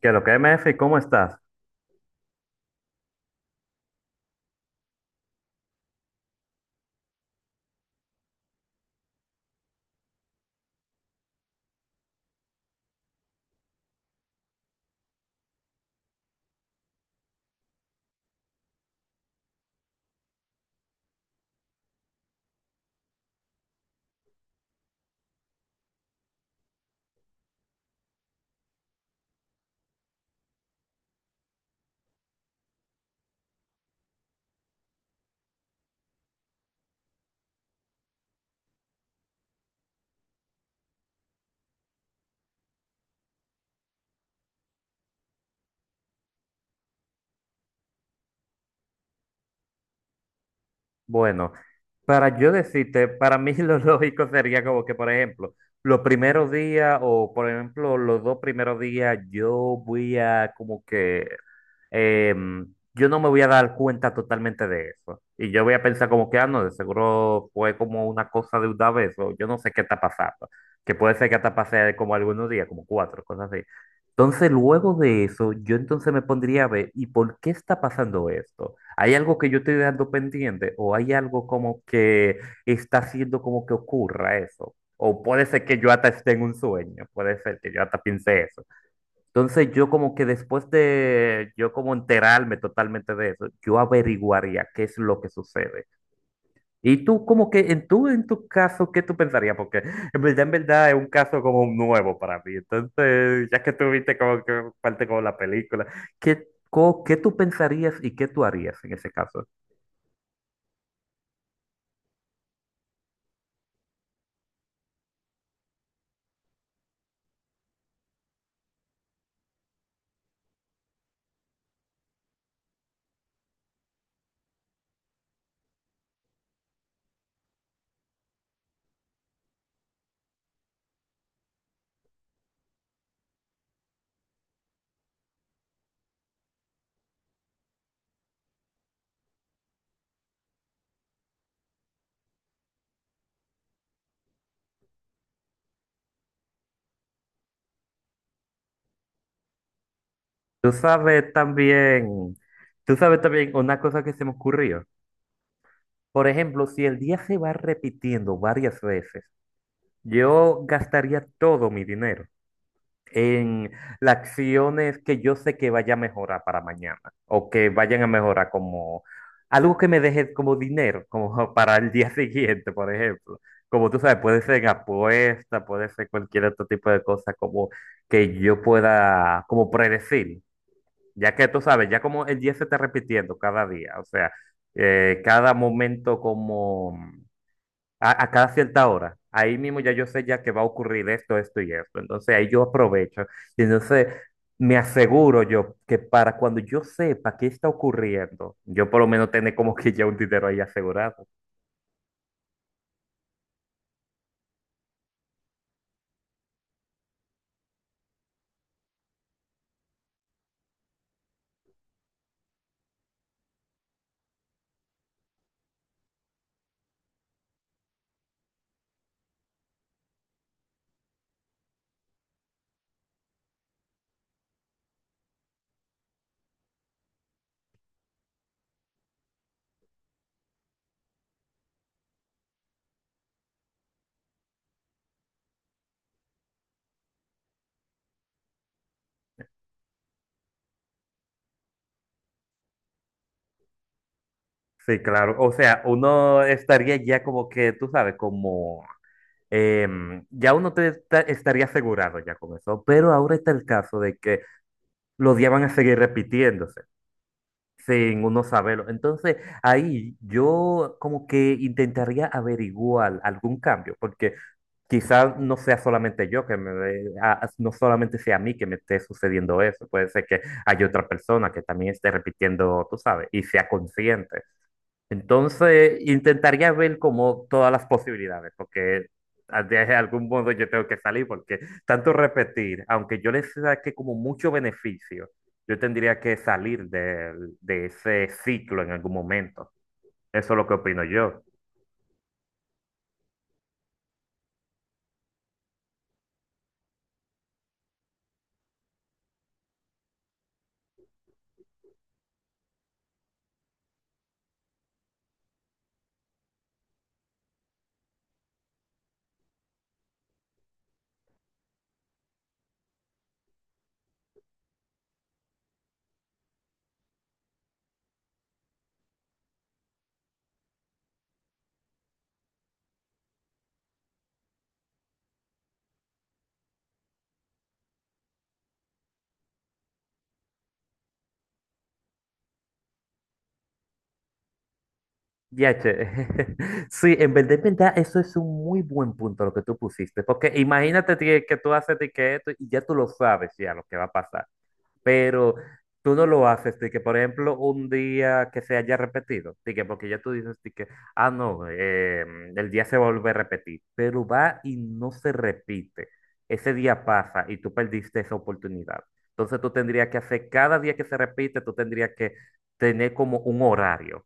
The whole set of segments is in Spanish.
Qué lo que MF, ¿cómo estás? Bueno, para yo decirte, para mí lo lógico sería como que, por ejemplo, los primeros días o, por ejemplo, los dos primeros días, yo voy a como que, yo no me voy a dar cuenta totalmente de eso. Y yo voy a pensar como que, ah, no, de seguro fue como una cosa de una vez o yo no sé qué está pasando. Que puede ser que hasta pase como algunos días, como cuatro, cosas así. Entonces, luego de eso, yo entonces me pondría a ver, ¿y por qué está pasando esto? ¿Hay algo que yo estoy dejando pendiente o hay algo como que está haciendo como que ocurra eso? O puede ser que yo hasta esté en un sueño, puede ser que yo hasta piense eso. Entonces yo como que después de yo como enterarme totalmente de eso, yo averiguaría qué es lo que sucede. Y tú como que en en tu caso, ¿qué tú pensarías? Porque en verdad es un caso como nuevo para mí. Entonces, ya que tú viste como que parte como la película, ¿qué, qué tú pensarías y qué tú harías en ese caso? Tú sabes también, tú sabes también una cosa que se me ocurrió. Por ejemplo, si el día se va repitiendo varias veces, yo gastaría todo mi dinero en las acciones que yo sé que vaya a mejorar para mañana o que vayan a mejorar como algo que me deje como dinero, como para el día siguiente, por ejemplo. Como tú sabes, puede ser en apuesta, puede ser cualquier otro tipo de cosa como que yo pueda como predecir. Ya que tú sabes, ya como el día se está repitiendo cada día, o sea, cada momento como a cada cierta hora, ahí mismo ya yo sé ya que va a ocurrir esto, esto y esto. Entonces ahí yo aprovecho y entonces me aseguro yo que para cuando yo sepa qué está ocurriendo, yo por lo menos tener como que ya un dinero ahí asegurado. Sí, claro. O sea, uno estaría ya como que, tú sabes, como ya uno estaría asegurado ya con eso. Pero ahora está el caso de que los días van a seguir repitiéndose sin uno saberlo. Entonces, ahí yo como que intentaría averiguar algún cambio, porque quizás no sea solamente yo que me, no solamente sea a mí que me esté sucediendo eso, puede ser que haya otra persona que también esté repitiendo, tú sabes, y sea consciente. Entonces, intentaría ver como todas las posibilidades, porque de algún modo yo tengo que salir, porque tanto repetir, aunque yo les saque como mucho beneficio, yo tendría que salir de ese ciclo en algún momento. Eso es lo que opino yo. Ya, che. Sí, en verdad, eso es un muy buen punto lo que tú pusiste, porque imagínate que tú haces de que esto y ya tú lo sabes ya lo que va a pasar. Pero tú no lo haces, de que por ejemplo un día que se haya repetido, de que porque ya tú dices de que, ah, no, el día se vuelve a repetir, pero va y no se repite. Ese día pasa y tú perdiste esa oportunidad. Entonces tú tendrías que hacer cada día que se repite, tú tendrías que tener como un horario.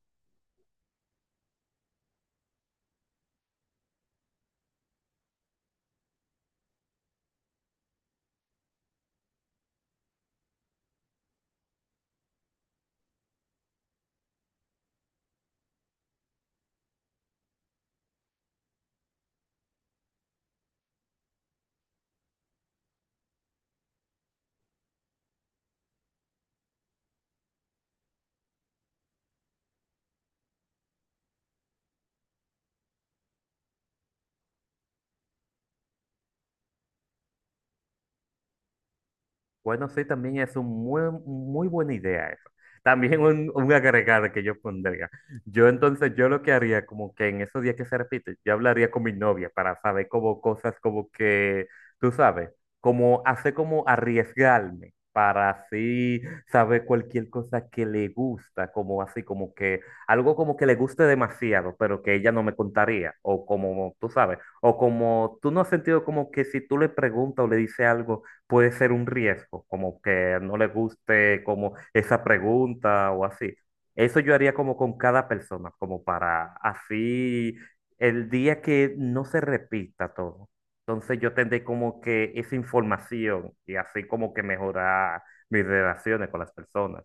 Bueno, sí, también es un muy, muy buena idea eso. También un agregado que yo pondría. Yo entonces, yo lo que haría, como que en esos días que se repite, yo hablaría con mi novia para saber como cosas como que, tú sabes, como hacer como arriesgarme para así saber cualquier cosa que le gusta, como así, como que algo como que le guste demasiado, pero que ella no me contaría, o como, tú sabes, o como tú no has sentido como que si tú le preguntas o le dices algo puede ser un riesgo, como que no le guste como esa pregunta o así. Eso yo haría como con cada persona, como para así el día que no se repita todo. Entonces yo tendré como que esa información y así como que mejorar mis relaciones con las personas.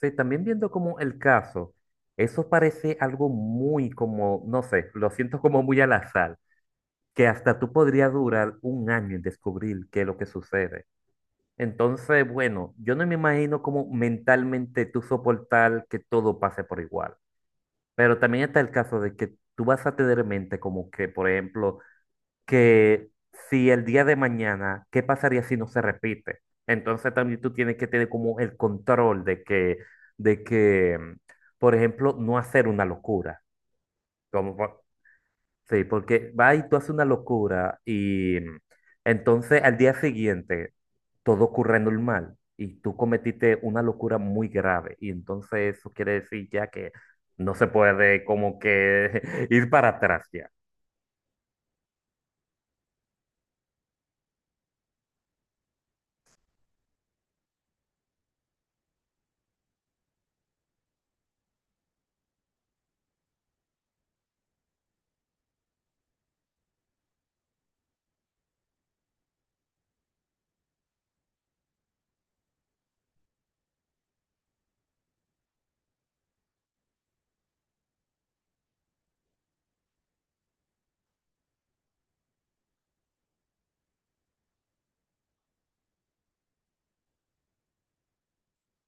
Sí, también viendo como el caso, eso parece algo muy como, no sé, lo siento como muy al azar, que hasta tú podría durar un año en descubrir qué es lo que sucede. Entonces, bueno, yo no me imagino cómo mentalmente tú soportar que todo pase por igual. Pero también está el caso de que tú vas a tener en mente como que, por ejemplo, que si el día de mañana, ¿qué pasaría si no se repite? Entonces también tú tienes que tener como el control de que, por ejemplo, no hacer una locura. Como, por- Sí, porque va y tú haces una locura y mm, entonces al día siguiente todo ocurre normal y tú cometiste una locura muy grave y entonces eso quiere decir ya que no se puede como que ir para atrás ya.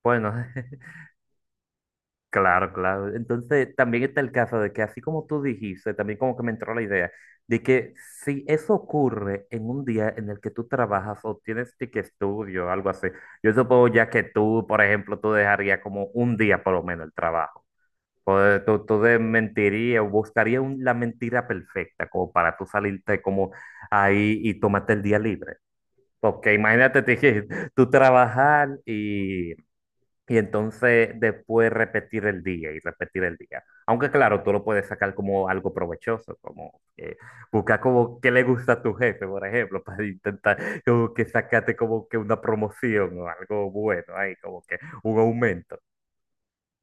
Bueno, claro, claro. Entonces, también está el caso de que, así como tú dijiste, también como que me entró la idea de que si eso ocurre en un día en el que tú trabajas o tienes que estudio o algo así, yo supongo ya que tú, por ejemplo, tú dejarías como un día por lo menos el trabajo. O tú, mentirías o buscarías la mentira perfecta como para tú salirte como ahí y tomarte el día libre. Porque imagínate, te dije, tú trabajar y entonces después repetir el día y repetir el día. Aunque claro, tú lo puedes sacar como algo provechoso, como buscar como qué le gusta a tu jefe, por ejemplo, para intentar como que sacarte como que una promoción o algo bueno ahí, como que un aumento.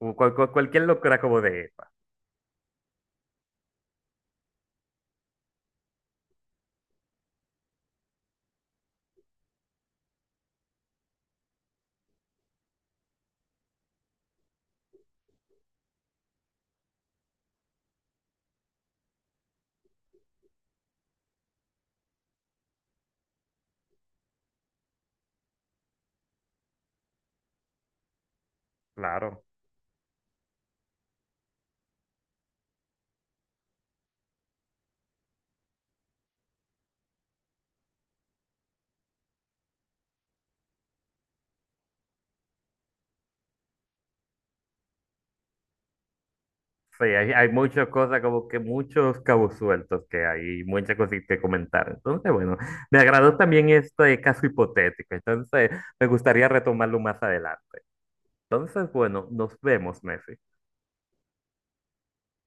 O cualquier locura como de esa, claro. Sí, hay muchas cosas, como que muchos cabos sueltos que hay, y muchas cosas que comentar. Entonces, bueno, me agradó también este caso hipotético. Entonces, me gustaría retomarlo más adelante. Entonces, bueno, nos vemos, Messi.